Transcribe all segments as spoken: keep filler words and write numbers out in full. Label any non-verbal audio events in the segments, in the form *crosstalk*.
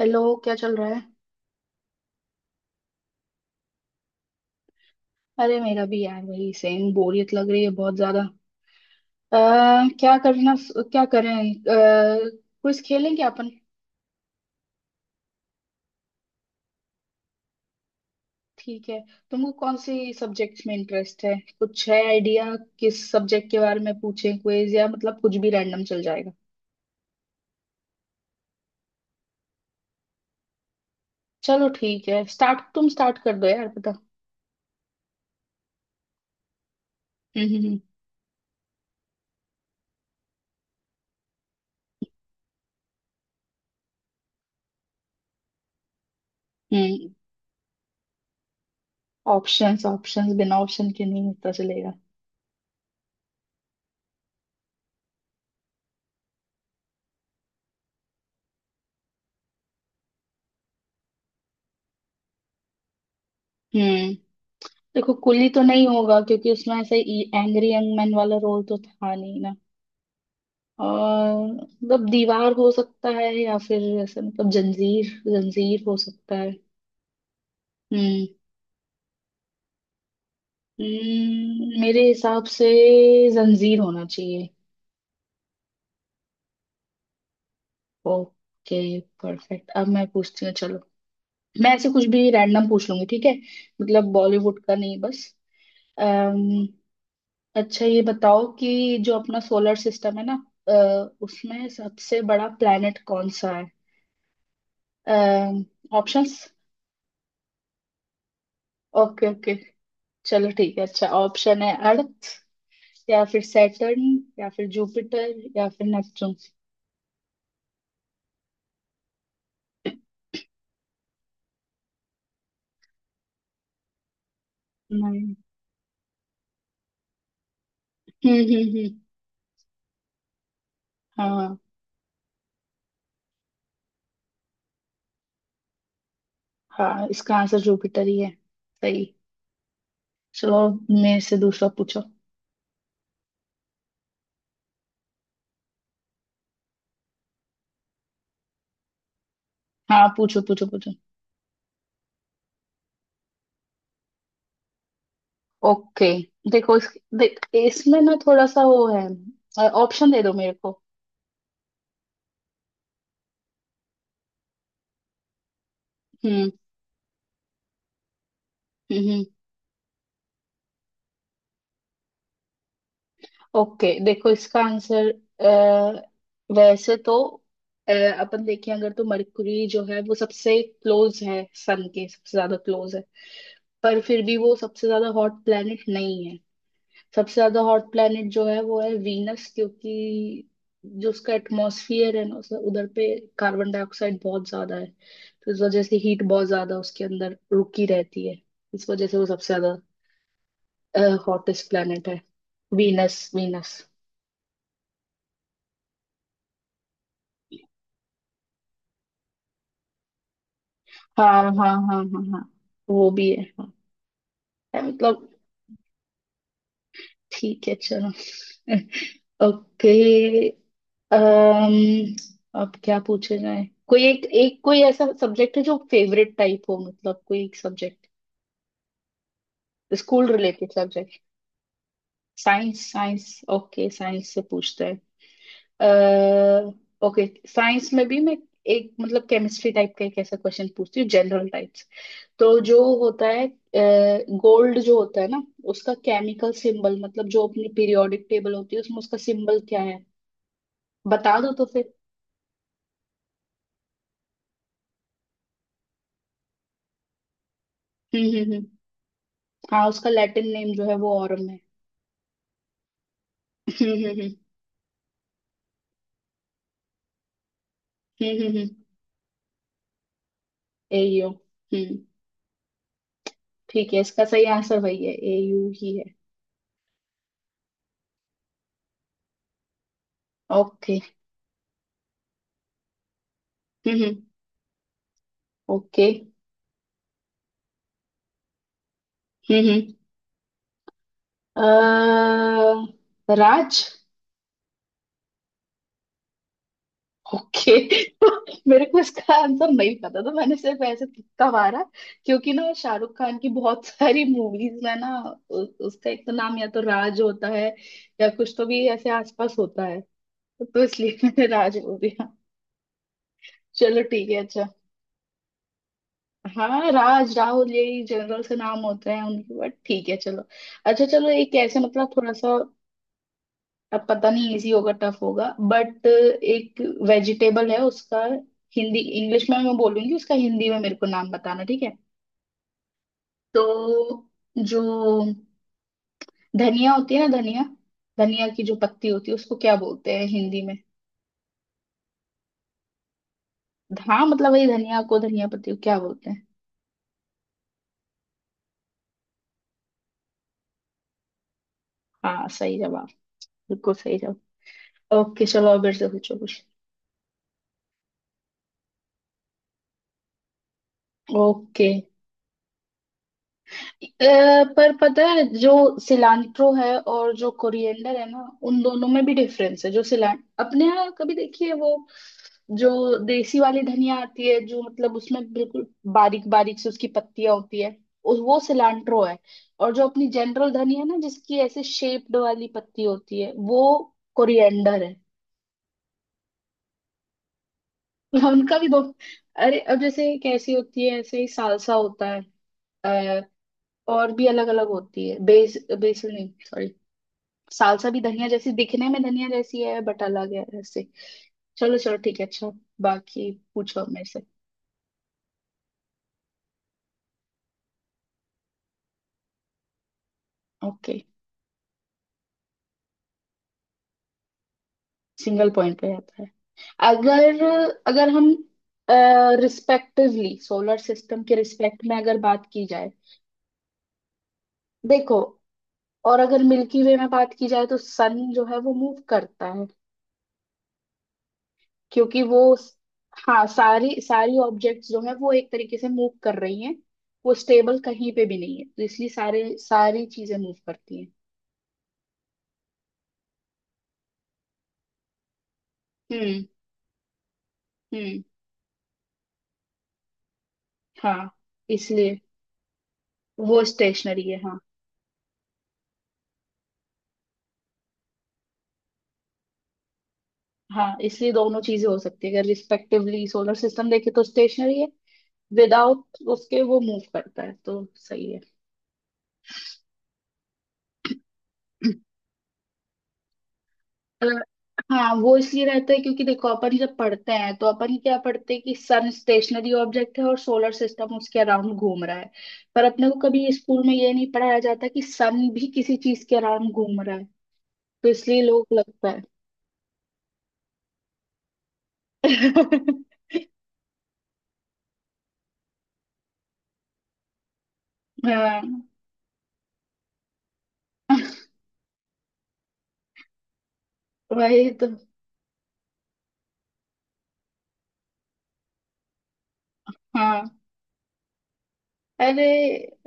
Hello. क्या चल रहा है। अरे मेरा भी यार वही सेम बोरियत लग रही है बहुत ज्यादा। अह, क्या करना। क्या करें। क्विज खेलें क्या अपन। ठीक है। तुमको कौन सी सब्जेक्ट्स में इंटरेस्ट है, कुछ है आइडिया? किस सब्जेक्ट के बारे में पूछें क्विज, या मतलब कुछ भी रैंडम चल जाएगा। चलो ठीक है, स्टार्ट तुम स्टार्ट कर दो यार पता। हम्म, हम्म, हम्म। ऑप्शंस, ऑप्शंस, बिना ऑप्शन के नहीं पता चलेगा। हम्म। देखो, कुली तो नहीं होगा क्योंकि उसमें ऐसे एंग्री यंग मैन वाला रोल तो था नहीं ना। और मतलब दीवार हो सकता है, या फिर ऐसा मतलब जंजीर। जंजीर हो सकता है। हम्म। हम्म, मेरे हिसाब से जंजीर होना चाहिए। Okay perfect. अब मैं पूछती हूँ, चलो। मैं ऐसे कुछ भी रैंडम पूछ लूंगी, ठीक है। मतलब बॉलीवुड का नहीं बस। अम्म अच्छा ये बताओ कि जो अपना सोलर सिस्टम है ना, अ, उसमें सबसे बड़ा प्लेनेट कौन सा है? ऑप्शंस? ओके, ओके, चलो ठीक है। अच्छा, ऑप्शन है अर्थ, या फिर सैटर्न, या फिर जुपिटर, या फिर नेपच्यून। नहीं। हम्म, हम्म, हम्म। हाँ, हाँ इसका आंसर जुपिटर ही है। सही। चलो। मेरे से दूसरा पूछो। हाँ पूछो, पूछो, पूछो। ओके। देखो इस, देख, इसमें ना थोड़ा सा वो है, ऑप्शन दे दो मेरे को। हम्म, हम्म। ओके देखो इसका आंसर, अ, वैसे तो, अ, अपन देखें अगर तो मरकरी जो है वो सबसे क्लोज है, सन के सबसे ज्यादा क्लोज है। पर फिर भी वो सबसे ज्यादा हॉट प्लैनेट नहीं है। सबसे ज्यादा हॉट प्लैनेट जो है वो है वीनस, क्योंकि जो उसका एटमॉस्फियर है ना उस- उधर पे कार्बन डाइऑक्साइड बहुत ज्यादा है, तो इस वजह से हीट बहुत ज्यादा उसके अंदर रुकी रहती है। इस वजह से वो सबसे ज्यादा हॉटेस्ट प्लैनेट है। Venus, Venus. हाँ, हाँ, हाँ, हाँ, हाँ, वो भी है हाँ। है, मतलब। ठीक है चलो। *laughs* ओके। अम्म अब क्या पूछे जाए, कोई एक एक कोई ऐसा सब्जेक्ट है जो फेवरेट टाइप हो, मतलब कोई एक subject, school related subject. Science science, okay science से पूछते हैं। ओके साइंस में भी मैं एक मतलब केमिस्ट्री टाइप का एक ऐसा क्वेश्चन पूछती हूँ, जनरल टाइप्स। तो जो होता है, गोल्ड जो होता है ना, उसका केमिकल सिंबल, मतलब जो अपनी पीरियोडिक टेबल होती है उसमें उसका सिंबल क्या है? बता दो तो फिर। हम्म, हम्म, हम्म। हाँ, उसका लैटिन नेम जो है वो ऑरम है। *laughs* हम्म, हम्म, हम्म, हम्म, हम्म। एयू। हम्म। ठीक है, इसका सही आंसर वही है, एयू ही है। ओके, हम्म, हम्म, ओके, हम्म। okay, हम्म, अह, राज। ओके। *laughs* मेरे को इसका आंसर नहीं पता था, मैंने सिर्फ ऐसे तुक्का मारा। क्योंकि ना शाहरुख खान की बहुत *laughs* सारी मूवीज में ना, उ, उसका एक तो नाम या तो राज होता है, या कुछ तो भी ऐसे आसपास होता है। तो इसलिए *laughs* मैंने राज बोल दिया। चलो ठीक है, अच्छा। हाँ, राज राहुल यही जनरल से नाम होते हैं उनके, बट ठीक है चलो। अच्छा चलो, एक ऐसे मतलब थोड़ा सा, अब पता नहीं इजी होगा टफ होगा, बट एक वेजिटेबल है, उसका हिंदी, इंग्लिश में मैं बोलूंगी, उसका हिंदी में मेरे को नाम बताना, ठीक है। तो जो धनिया होती है ना, धनिया, धनिया की जो पत्ती होती है उसको क्या बोलते हैं हिंदी में? हाँ मतलब वही धनिया को, धनिया पत्ती को क्या बोलते हैं? हाँ सही जवाब। बिल्कुल सही जवाब। ओके चलो, अब मेरे से पूछो कुछ। ओके। अ, पर पता है जो सिलांट्रो है और जो कोरिएंडर है ना, उन दोनों में भी डिफरेंस है। जो सिलान अपने यहाँ कभी देखिए वो, जो देसी वाली धनिया आती है जो मतलब उसमें बिल्कुल बारीक बारीक से उसकी पत्तियां होती है, उस- वो सिलांट्रो है। और जो अपनी जनरल धनिया है ना, जिसकी ऐसे शेप्ड वाली पत्ती होती है वो कोरिएंडर है। *laughs* उनका भी दो। अरे अब जैसे कैसी होती है ऐसे ही सालसा होता है। अ, और भी अलग अलग होती है, बेस बेसिल नहीं। सालसा भी धनिया जैसी, दिखने में धनिया जैसी है बट अलग है ऐसे। चलो चलो ठीक है, अच्छा। बाकी पूछो अब मेरे से। ओके। सिंगल पॉइंट पे आता है? अगर अगर हम रिस्पेक्टिवली सोलर सिस्टम के रिस्पेक्ट में अगर बात की जाए। देखो, और अगर मिल्की वे में बात की जाए तो सन जो है वो मूव करता है, क्योंकि वो, हाँ सारी सारी ऑब्जेक्ट्स जो है वो एक तरीके से मूव कर रही हैं। वो स्टेबल कहीं पे भी नहीं है, तो इसलिए सारे सारी चीजें मूव करती हैं। हम्म, हम्म। हाँ इसलिए वो स्टेशनरी है, हाँ। हाँ इसलिए दोनों चीजें हो सकती है, अगर रिस्पेक्टिवली सोलर सिस्टम देखे तो स्टेशनरी है, विदाउट उसके वो मूव करता है, तो सही है। *clears throat* अ, हाँ वो इसलिए रहता है क्योंकि देखो, अपन जब पढ़ते हैं तो अपन क्या पढ़ते हैं कि सन स्टेशनरी ऑब्जेक्ट है और सोलर सिस्टम उसके अराउंड घूम रहा है। पर अपने को कभी स्कूल में ये नहीं पढ़ाया जाता कि सन भी किसी चीज के अराउंड घूम रहा है, तो इसलिए लोग लगता है। *laughs* हाँ *laughs* वही तो। हाँ, अरे,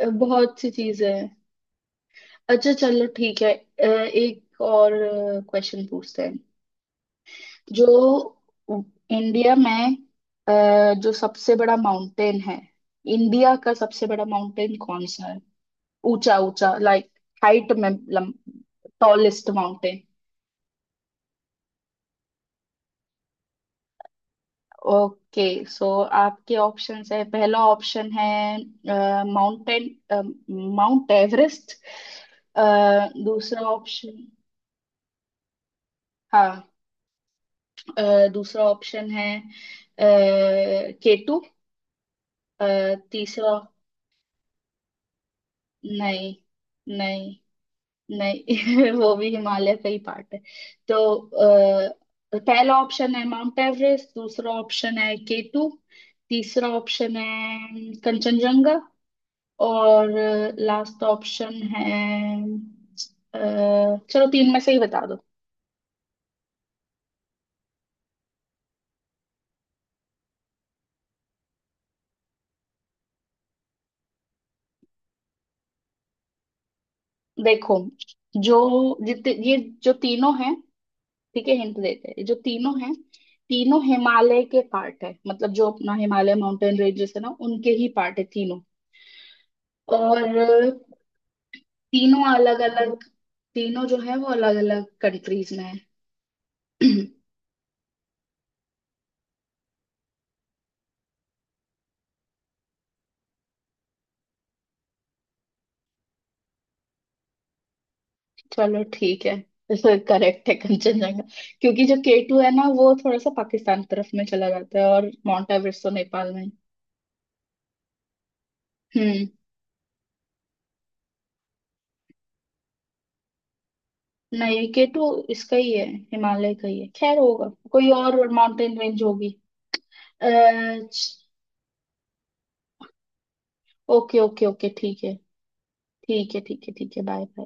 अ, बहुत सी चीजें हैं। अच्छा चलो ठीक है, अ, एक और क्वेश्चन पूछते हैं। जो इंडिया में, अ, जो सबसे बड़ा माउंटेन है, इंडिया का सबसे बड़ा माउंटेन कौन सा है? ऊंचा, ऊंचा लाइक, हाइट में, टॉलेस्ट माउंटेन। ओके, सो आपके ऑप्शंस है, पहला ऑप्शन है माउंटेन, माउंट एवरेस्ट। दूसरा ऑप्शन, हाँ, अ, दूसरा ऑप्शन है केटू। तीसरा, नहीं, नहीं, नहीं, *laughs* वो भी हिमालय का ही पार्ट है। तो अ, पहला ऑप्शन है माउंट एवरेस्ट, दूसरा ऑप्शन है केटू, तीसरा ऑप्शन है कंचनजंगा, और लास्ट ऑप्शन है, अ, चलो तीन में से ही बता दो। देखो, जो जितने ये जो तीनों हैं, ठीक है हिंट देते हैं, ये जो तीनों हैं, तीनों हिमालय के पार्ट है, मतलब जो अपना हिमालय माउंटेन रेंजेस है ना उनके ही पार्ट है तीनों। और तीनों अलग अलग, तीनों जो है वो अलग अलग कंट्रीज में है। *clears throat* चलो ठीक है, तो करेक्ट है कंचनजंगा। क्योंकि जो के टू है ना वो थोड़ा सा पाकिस्तान तरफ में चला जाता है, और माउंट एवरेस्ट तो नेपाल में है। हम्म। नहीं, के टू इसका ही है, हिमालय का ही है। खैर होगा, कोई और माउंटेन रेंज होगी। अ, ओके, ओके, ओके, ठीक है, ठीक है, ठीक है, ठीक है, बाय बाय।